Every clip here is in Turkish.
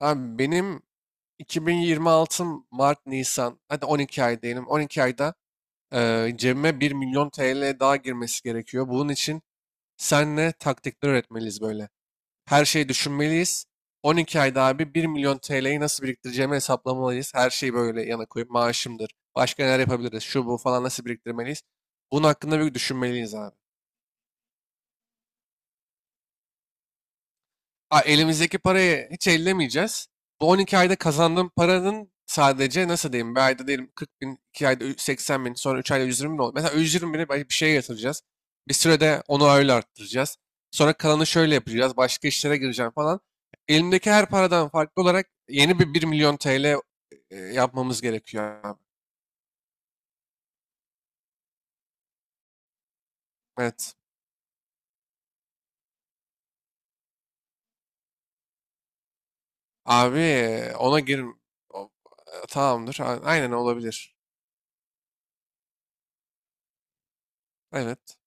Abi benim 2026 Mart Nisan hadi 12 ay diyelim. 12 ayda cebime 1 milyon TL daha girmesi gerekiyor. Bunun için senle taktikler öğretmeliyiz böyle. Her şeyi düşünmeliyiz. 12 ayda abi bir milyon TL'yi nasıl biriktireceğimi hesaplamalıyız. Her şeyi böyle yana koyup maaşımdır. Başka neler yapabiliriz? Şu bu falan nasıl biriktirmeliyiz? Bunun hakkında bir düşünmeliyiz abi. Elimizdeki parayı hiç ellemeyeceğiz. Bu 12 ayda kazandığım paranın sadece nasıl diyeyim bir ayda diyelim 40 bin, 2 ayda 80 bin, sonra 3 ayda 120 bin oldu. Mesela 120 bini belki bir şeye yatıracağız. Bir sürede onu öyle arttıracağız. Sonra kalanı şöyle yapacağız. Başka işlere gireceğim falan. Elimdeki her paradan farklı olarak yeni bir 1 milyon TL yapmamız gerekiyor abi. Evet. Abi ona gir. o- Tamamdır. Aynen olabilir. Evet.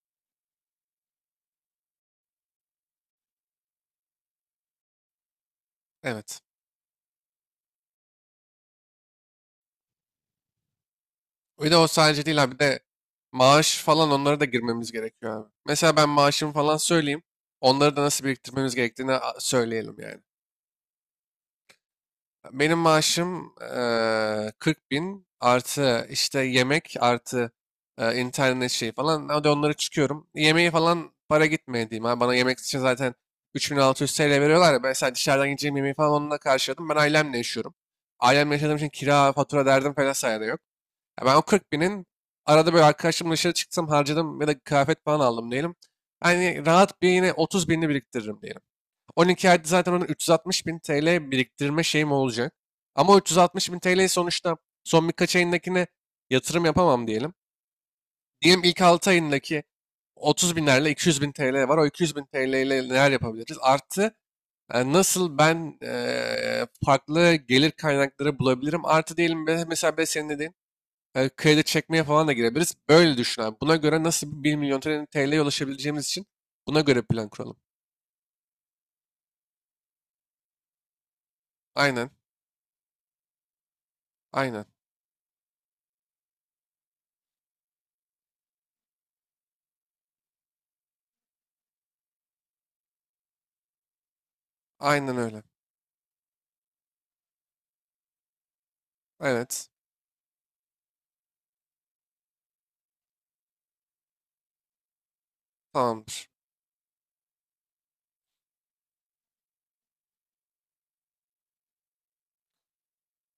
Evet. Bir de o sadece değil abi. Bir de maaş falan onlara da girmemiz gerekiyor abi. Mesela ben maaşımı falan söyleyeyim. Onları da nasıl biriktirmemiz gerektiğini söyleyelim yani. Benim maaşım 40 bin artı işte yemek artı internet şeyi falan. Hadi onları çıkıyorum. Yemeği falan para gitmeye diyeyim. Abi. Bana yemek için zaten 3600 TL veriyorlar ya. Mesela dışarıdan yiyeceğim yemeği falan onunla karşıladım. Ben ailemle yaşıyorum. Ailemle yaşadığım için kira, fatura derdim falan sayede yok. Ya ben o 40 binin arada böyle arkadaşımla dışarı çıktım harcadım ve de kıyafet falan aldım diyelim. Hani rahat bir yine 30 binini biriktiririm diyelim. 12 ayda zaten onun 360 bin TL biriktirme şeyim olacak. Ama o 360 bin TL'yi sonuçta son birkaç ayındakine yatırım yapamam diyelim. Diyelim ilk 6 ayındaki 30 binlerle 200 bin TL var. O 200 bin TL ile neler yapabiliriz? Artı nasıl ben farklı gelir kaynakları bulabilirim? Artı diyelim mesela ben senin dediğin kredi çekmeye falan da girebiliriz. Böyle düşün abi. Buna göre nasıl bir 1 milyon TL'ye ulaşabileceğimiz için buna göre plan kuralım. Aynen. Aynen. Aynen öyle. Evet. Tamamdır.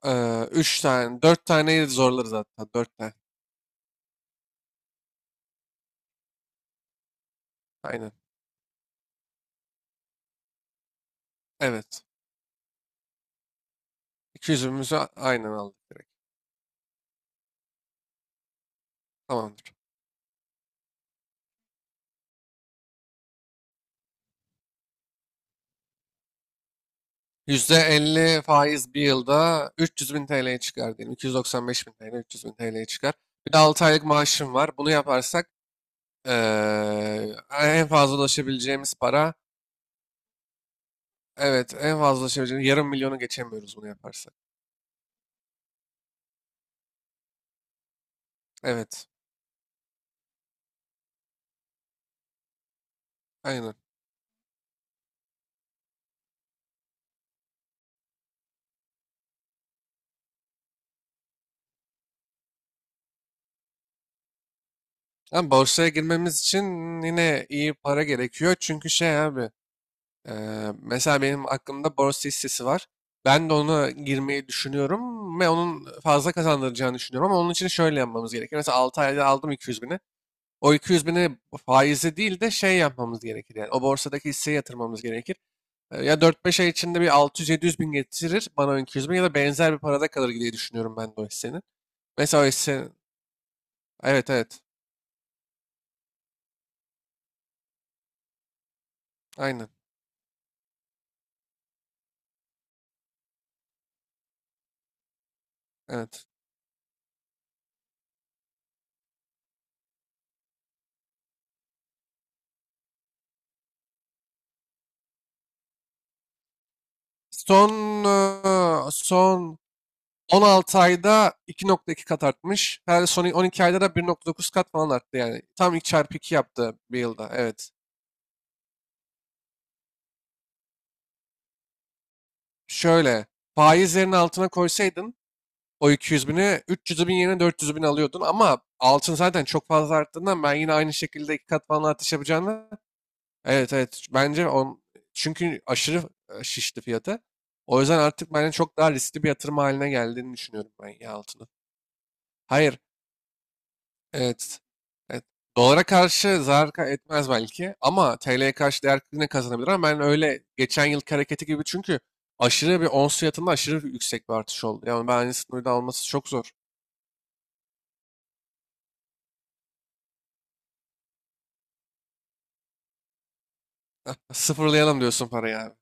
3 tane, 4 taneyi zorlarız hatta. 4 tane. Aynen. Evet. 200'ümüzü aynen aldık direkt. Tamamdır. %50 faiz bir yılda 300 bin TL'ye çıkar diyelim. 295 bin TL, 300 bin TL'ye çıkar. Bir de 6 aylık maaşım var. Bunu yaparsak ee, en fazla ulaşabileceğimiz para. Evet, en fazla ulaşabileceğimiz yarım milyonu geçemiyoruz bunu yaparsak. Evet, aynen. Ama borsaya girmemiz için yine iyi para gerekiyor. Çünkü şey abi, e, mesela benim aklımda borsa hissesi var. Ben de ona girmeyi düşünüyorum ve onun fazla kazandıracağını düşünüyorum. Ama onun için şöyle yapmamız gerekir. Mesela 6 ayda aldım 200 bini. O 200 bini faizi değil de şey yapmamız gerekir. Yani o borsadaki hisseye yatırmamız gerekir. Ya dört beş ay içinde bir altı yüz yedi yüz bin getirir bana o 200 bin ya da benzer bir parada kalır diye düşünüyorum ben de o hissenin. Mesela işte evet evet aynen evet. Son son 16 ayda 2,2 kat artmış. Her son 12 ayda da 1,9 kat falan arttı yani. Tam 2 çarpı 2 yaptı bir yılda evet. Şöyle faizlerin altına koysaydın o 200 bini 300 bin yerine 400 bin alıyordun ama altın zaten çok fazla arttığından ben yine aynı şekilde 2 kat falan artış yapacağını. Evet evet. Bence çünkü aşırı şişti fiyatı. O yüzden artık bence çok daha riskli bir yatırım haline geldiğini düşünüyorum ben ya altını. Hayır. Evet. Evet. Dolara karşı zarar etmez belki ama TL'ye karşı değer yine kazanabilir ama ben öyle geçen yılki hareketi gibi çünkü aşırı bir ons fiyatında aşırı yüksek bir artış oldu. Yani bence sınırda alması çok zor. Sıfırlayalım diyorsun parayı abi.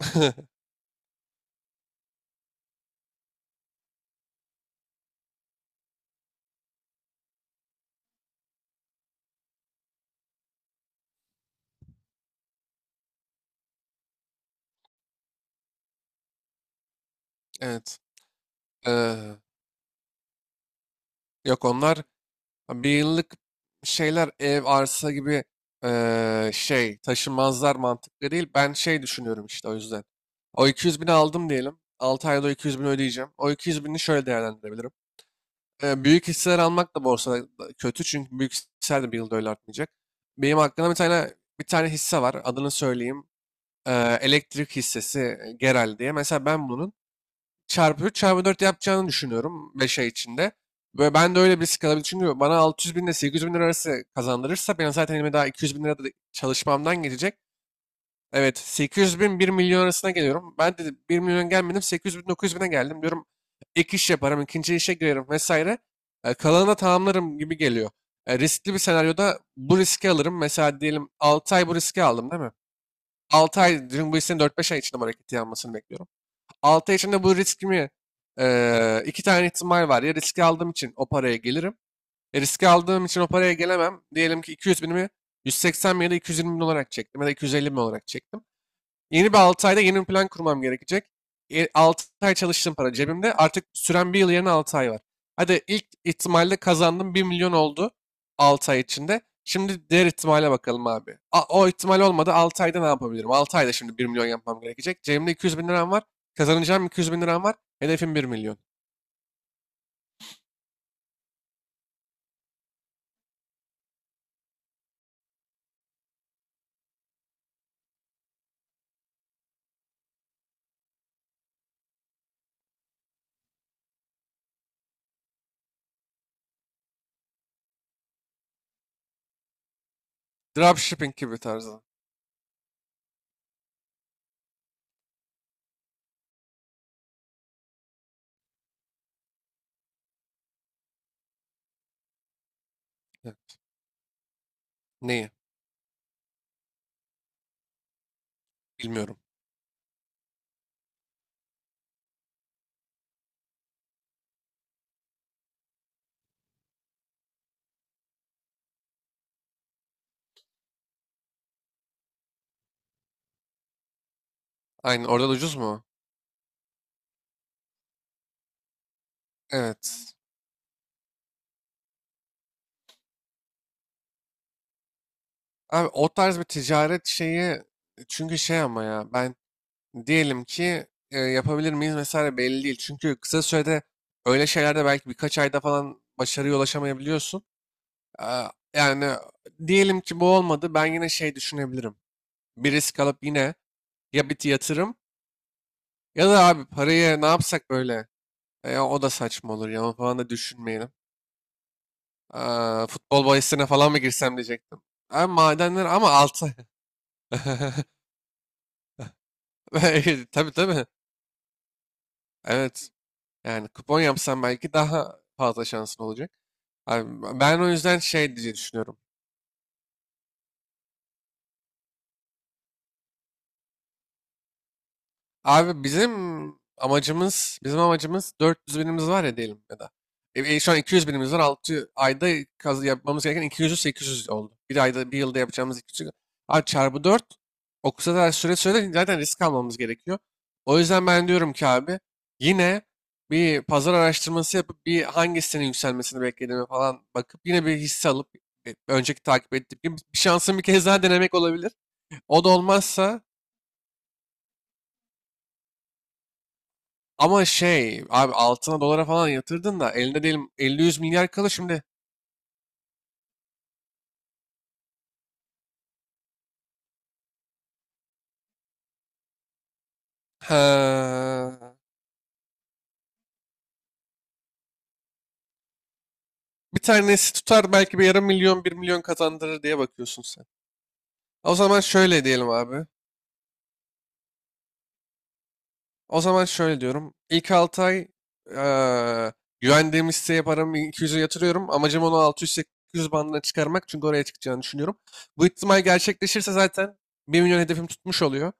Evet. Ee, Yok onlar. Ha, bir yıllık şeyler, ev, arsa gibi şey taşınmazlar mantıklı değil. Ben şey düşünüyorum işte o yüzden. O 200 bini aldım diyelim. 6 ayda o 200 bini ödeyeceğim. O 200 bini şöyle değerlendirebilirim. Büyük hisseler almak da borsada da kötü çünkü büyük hisseler de bir yılda öyle artmayacak. Benim hakkında bir tane hisse var. Adını söyleyeyim. Elektrik hissesi Geral diye. Mesela ben bunun çarpı 3 çarpı 4 yapacağını düşünüyorum 5 ay içinde. Ve ben de öyle bir risk alabilirim. Çünkü bana 600 bin ile 800 bin lira arası kazandırırsa ben zaten elime daha 200 bin lira da çalışmamdan gelecek. Evet, 800 bin bir milyon arasına geliyorum. Ben de bir milyon gelmedim 800 bin 900 bine geldim diyorum. Ek iş yaparım, ikinci işe girerim vesaire. Kalanını tamamlarım gibi geliyor. Riskli bir senaryoda bu riski alırım. Mesela diyelim 6 ay bu riski aldım değil mi? 6 ay, diyelim bu hissenin dört beş ay içinde bu hareketi yanmasını bekliyorum. 6 ay içinde bu riskimi iki tane ihtimal var. Ya riski aldığım için o paraya gelirim. Ya riski aldığım için o paraya gelemem. Diyelim ki 200 binimi 180 bin ya da 220 bin olarak çektim ya da 250 bin olarak çektim. Yeni bir 6 ayda yeni bir plan kurmam gerekecek. 6 ay çalıştığım para cebimde. Artık süren bir yıl yerine 6 ay var. Hadi ilk ihtimalle kazandım bir milyon oldu 6 ay içinde. Şimdi diğer ihtimale bakalım abi. O ihtimal olmadı 6 ayda ne yapabilirim? 6 ayda şimdi bir milyon yapmam gerekecek. Cebimde 200 bin liram var. Kazanacağım 200 bin liram var. Hedefim bir milyon. Dropshipping gibi tarzı. Ya, neyi? Bilmiyorum. Aynen, orada da ucuz mu? Evet. Abi o tarz bir ticaret şeyi, çünkü şey ama ya ben diyelim ki yapabilir miyiz mesela belli değil. Çünkü kısa sürede öyle şeylerde belki birkaç ayda falan başarıya ulaşamayabiliyorsun. Yani diyelim ki bu olmadı ben yine şey düşünebilirim. Bir risk alıp yine ya bir yatırım ya da abi parayı ne yapsak böyle. O da saçma olur ya falan da düşünmeyelim. Futbol bahisine falan mı girsem diyecektim. Ama madenler ama altı. Tabii tabii. Evet. Yani kupon yapsan belki daha fazla şansın olacak. Abi, ben o yüzden şey diye düşünüyorum. Abi bizim amacımız, bizim amacımız 400 binimiz var ya diyelim ya da. Şu an 200 binimiz var. Altı ayda yapmamız gereken 200'ü 800 oldu. Bir ayda, bir yılda yapacağımız 200. Abi çarpı 4 o kadar süre zaten risk almamız gerekiyor. O yüzden ben diyorum ki abi yine bir pazar araştırması yapıp bir hangisinin yükselmesini beklediğimi falan bakıp yine bir hisse alıp önceki takip ettiğim gibi bir şansın bir kez daha denemek olabilir. O da olmazsa. Ama şey abi altına dolara falan yatırdın da elinde diyelim 50-100 milyar kalır şimdi. Ha, bir tanesi tutar belki bir yarım milyon bir milyon kazandırır diye bakıyorsun sen. O zaman şöyle diyelim abi. O zaman şöyle diyorum. İlk 6 ay eee güvendiğim hisseye paramı 200'e yatırıyorum. Amacım onu 600-800 bandına çıkarmak çünkü oraya çıkacağını düşünüyorum. Bu ihtimal gerçekleşirse zaten bir milyon hedefim tutmuş oluyor.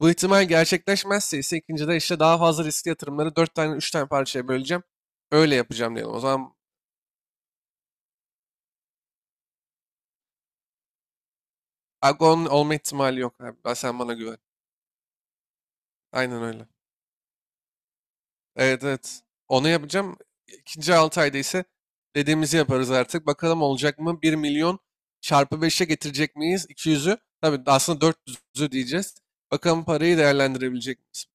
Bu ihtimal gerçekleşmezse ise ikincide işte daha fazla riskli yatırımları 4 tane 3 tane parçaya böleceğim. Öyle yapacağım diyelim. O zaman Agon olma ihtimali yok abi. Sen bana güven. Aynen öyle. Evet evet. Onu yapacağım. İkinci 6 ayda ise dediğimizi yaparız artık. Bakalım olacak mı? Bir milyon çarpı beşe getirecek miyiz? İki yüzü, tabii aslında dört yüzü diyeceğiz. Bakalım parayı değerlendirebilecek miyiz?